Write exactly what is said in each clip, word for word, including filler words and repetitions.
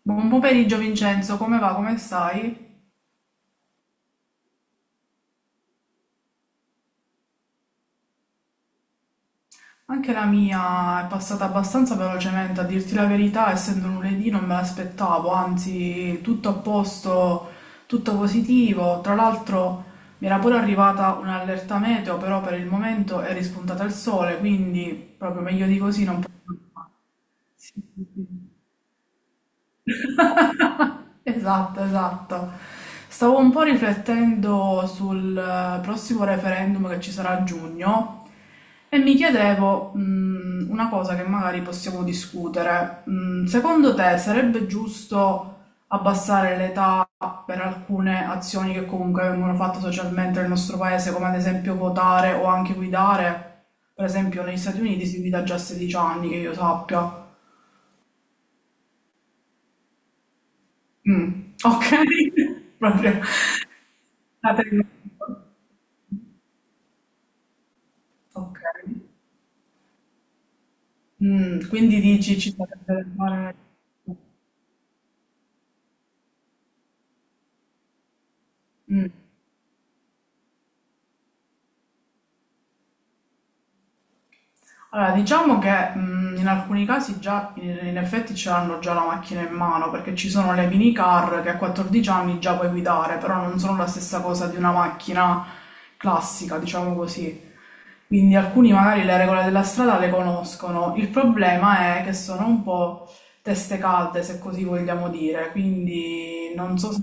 Buon pomeriggio Vincenzo, come va? Come stai? Anche la mia è passata abbastanza velocemente, a dirti la verità, essendo lunedì non me l'aspettavo, anzi tutto a posto, tutto positivo. Tra l'altro mi era pure arrivata un'allerta meteo, però per il momento è rispuntata il sole, quindi proprio meglio di così non posso fare. Sì, sì, sì. Esatto, esatto. Stavo un po' riflettendo sul eh, prossimo referendum che ci sarà a giugno e mi chiedevo, mh, una cosa che magari possiamo discutere. Mh, secondo te sarebbe giusto abbassare l'età per alcune azioni che comunque vengono fatte socialmente nel nostro paese, come ad esempio votare o anche guidare? Per esempio negli Stati Uniti si guida già a sedici anni, che io sappia. Mh, okay, proprio state in okay. Mh, quindi dici ci sarebbe da fare mh. Allora diciamo che, mhmm, in alcuni casi già in in effetti ce l'hanno già la macchina in mano, perché ci sono le minicar che a quattordici anni già puoi guidare, però non sono la stessa cosa di una macchina classica, diciamo così. Quindi alcuni magari le regole della strada le conoscono, il problema è che sono un po' teste calde, se così vogliamo dire, quindi non so se...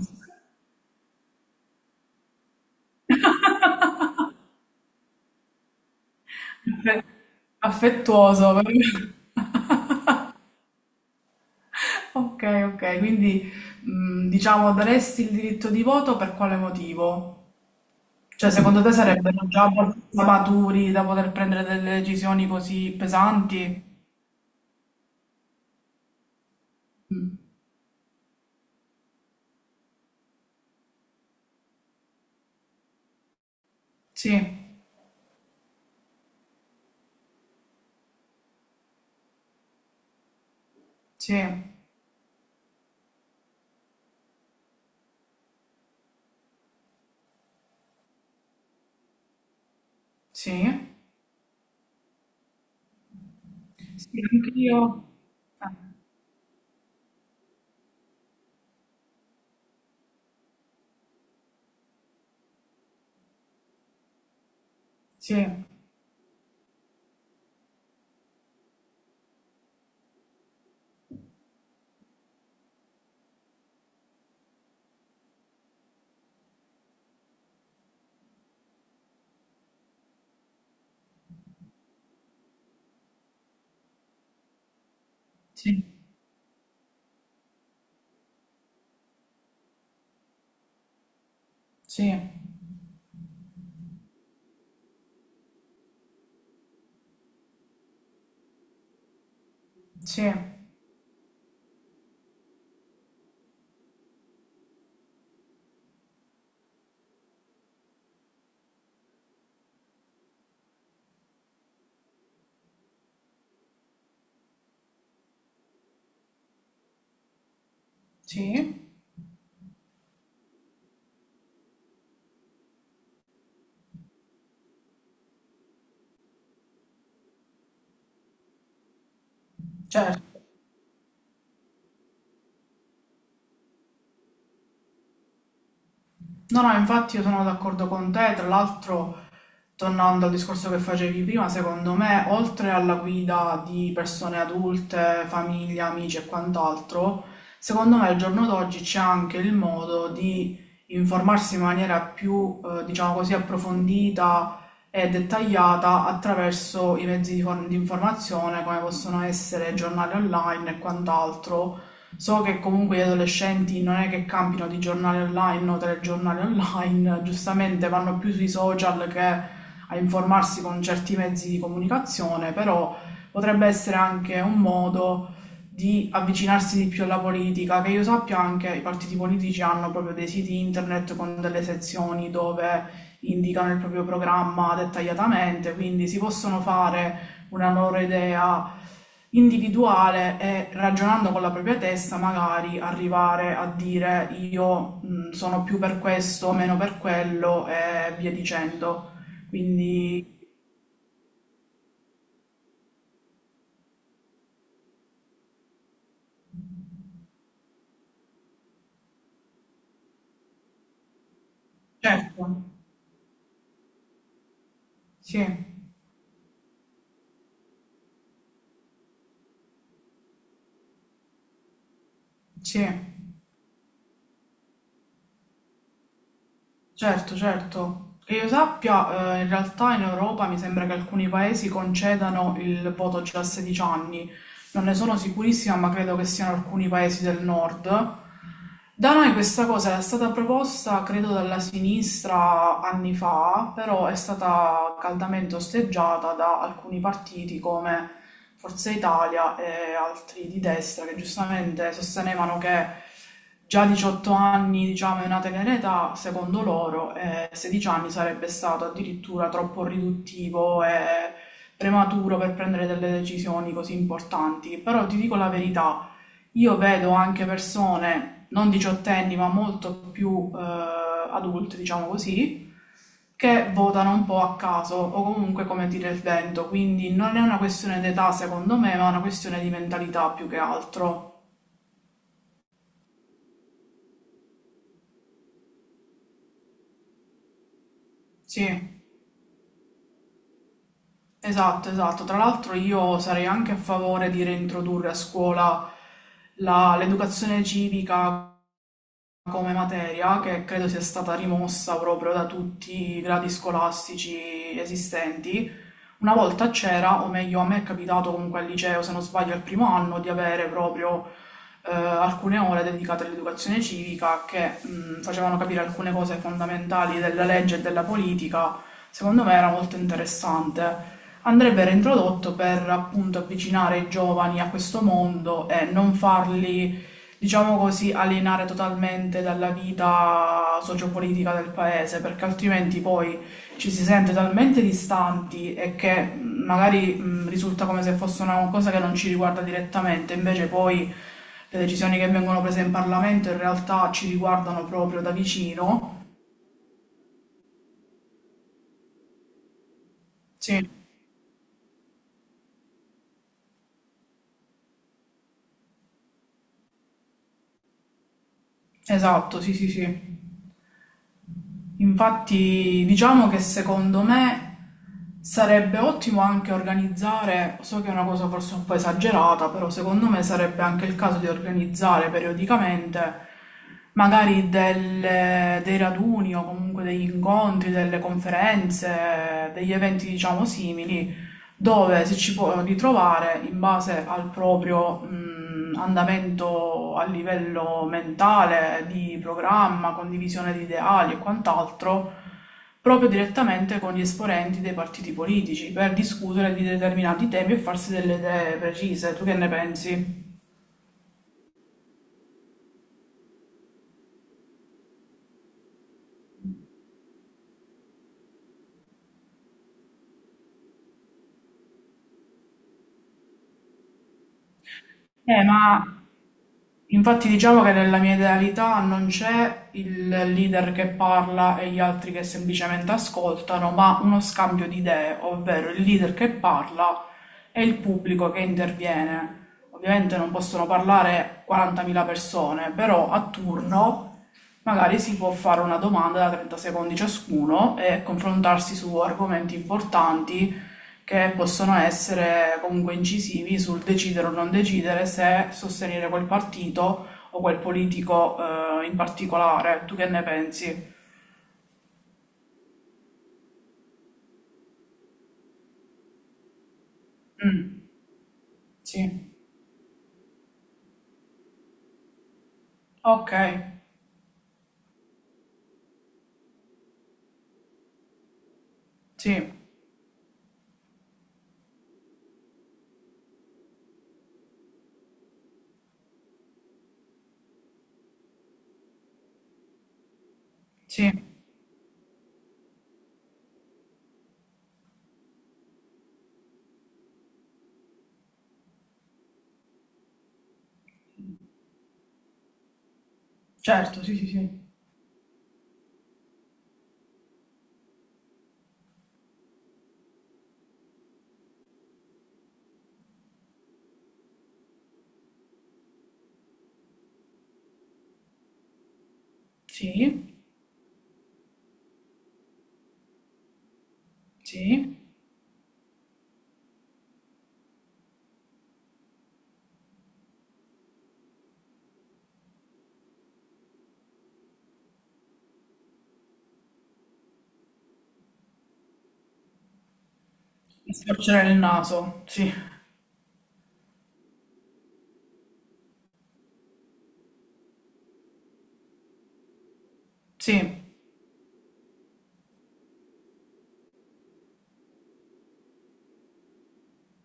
affettuoso, però- Ok, ok, quindi mh, diciamo daresti il diritto di voto per quale motivo? Cioè, secondo te sarebbero già abbastanza maturi da poter prendere delle decisioni così pesanti? Mm. Sì, sì, sì, sì, anch'io. Eh, Sì. Sì, sì, sì, sì, certo. No, no, infatti io sono d'accordo con te, tra l'altro tornando al discorso che facevi prima, secondo me, oltre alla guida di persone adulte, famiglia, amici e quant'altro, secondo me al giorno d'oggi c'è anche il modo di informarsi in maniera più, eh, diciamo così, approfondita e dettagliata attraverso i mezzi di, for- di informazione, come possono essere giornali online e quant'altro. So che comunque gli adolescenti non è che campino di giornali online o telegiornali online, giustamente vanno più sui social che a informarsi con certi mezzi di comunicazione, però potrebbe essere anche un modo di avvicinarsi di più alla politica, che io sappia anche i partiti politici hanno proprio dei siti internet con delle sezioni dove indicano il proprio programma dettagliatamente, quindi si possono fare una loro idea individuale e ragionando con la propria testa magari arrivare a dire io mh, sono più per questo, meno per quello e via dicendo. Quindi, certo, sì, sì, certo, certo. Che io sappia, eh, in realtà in Europa mi sembra che alcuni paesi concedano il voto già a sedici anni. Non ne sono sicurissima, ma credo che siano alcuni paesi del nord. Da noi questa cosa è stata proposta, credo, dalla sinistra anni fa, però è stata caldamente osteggiata da alcuni partiti come Forza Italia e altri di destra che giustamente sostenevano che già diciotto anni, diciamo, è una tenera età, secondo loro, e sedici anni sarebbe stato addirittura troppo riduttivo e prematuro per prendere delle decisioni così importanti. Però ti dico la verità. Io vedo anche persone, non diciottenni, ma molto più eh, adulte, diciamo così, che votano un po' a caso o comunque come tira il vento, quindi non è una questione d'età secondo me, ma è una questione di mentalità più che altro. Sì, esatto, esatto. Tra l'altro io sarei anche a favore di reintrodurre a scuola la- l'educazione civica come materia, che credo sia stata rimossa proprio da tutti i gradi scolastici esistenti. Una volta c'era, o meglio a me è capitato comunque al liceo, se non sbaglio al primo anno, di avere proprio eh, alcune ore dedicate all'educazione civica che mh, facevano capire alcune cose fondamentali della legge e della politica. Secondo me era molto interessante. Andrebbe reintrodotto per appunto avvicinare i giovani a questo mondo e non farli, diciamo così, alienare totalmente dalla vita sociopolitica del paese, perché altrimenti poi ci si sente talmente distanti e che mh, magari mh, risulta come se fosse una cosa che non ci riguarda direttamente, invece poi le decisioni che vengono prese in Parlamento in realtà ci riguardano proprio da vicino. Sì, esatto, sì, sì, sì. Infatti, diciamo che secondo me sarebbe ottimo anche organizzare, so che è una cosa forse un po' esagerata, però secondo me sarebbe anche il caso di organizzare periodicamente magari delle- dei raduni o comunque degli incontri, delle conferenze, degli eventi diciamo simili dove si ci può ritrovare in base al proprio mh, andamento a livello mentale, di programma, condivisione di ideali e quant'altro, proprio direttamente con gli esponenti dei partiti politici per discutere di determinati temi e farsi delle idee precise. Tu che ne pensi? Eh, ma Infatti diciamo che nella mia idealità non c'è il leader che parla e gli altri che semplicemente ascoltano, ma uno scambio di idee, ovvero il leader che parla e il pubblico che interviene. Ovviamente non possono parlare quarantamila persone, però a turno magari si può fare una domanda da trenta secondi ciascuno e confrontarsi su argomenti importanti che possono essere comunque incisivi sul decidere o non decidere se sostenere quel partito o quel politico eh, in particolare. Tu che ne pensi? Mm, sì, ok, sì, sì, certo, sì, sì, sì, sì, sì. Mi storcere il naso, sì, sì,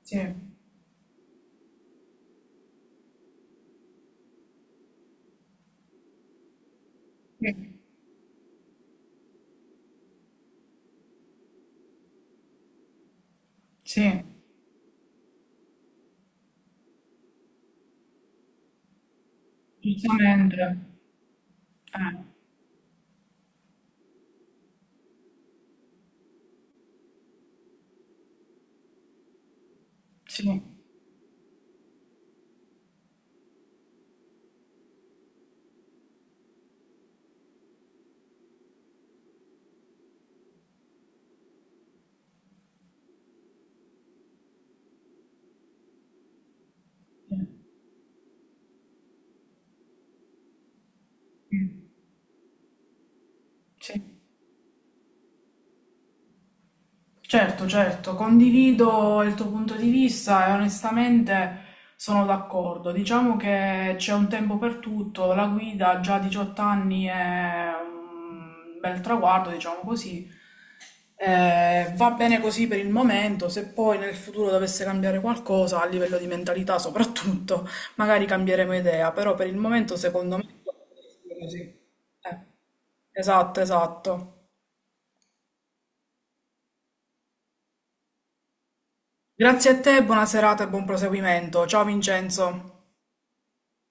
sì, sì, sì, giustamente, eh, sì, sì, sì. Sì. Certo, certo, condivido il tuo punto di vista e onestamente sono d'accordo. Diciamo che c'è un tempo per tutto, la guida già a diciotto anni è un bel traguardo, diciamo così. Eh, va bene così per il momento, se poi nel futuro dovesse cambiare qualcosa a livello di mentalità soprattutto, magari cambieremo idea, però per il momento secondo me è così. Eh, esatto, esatto. Grazie a te, buona serata e buon proseguimento. Ciao Vincenzo.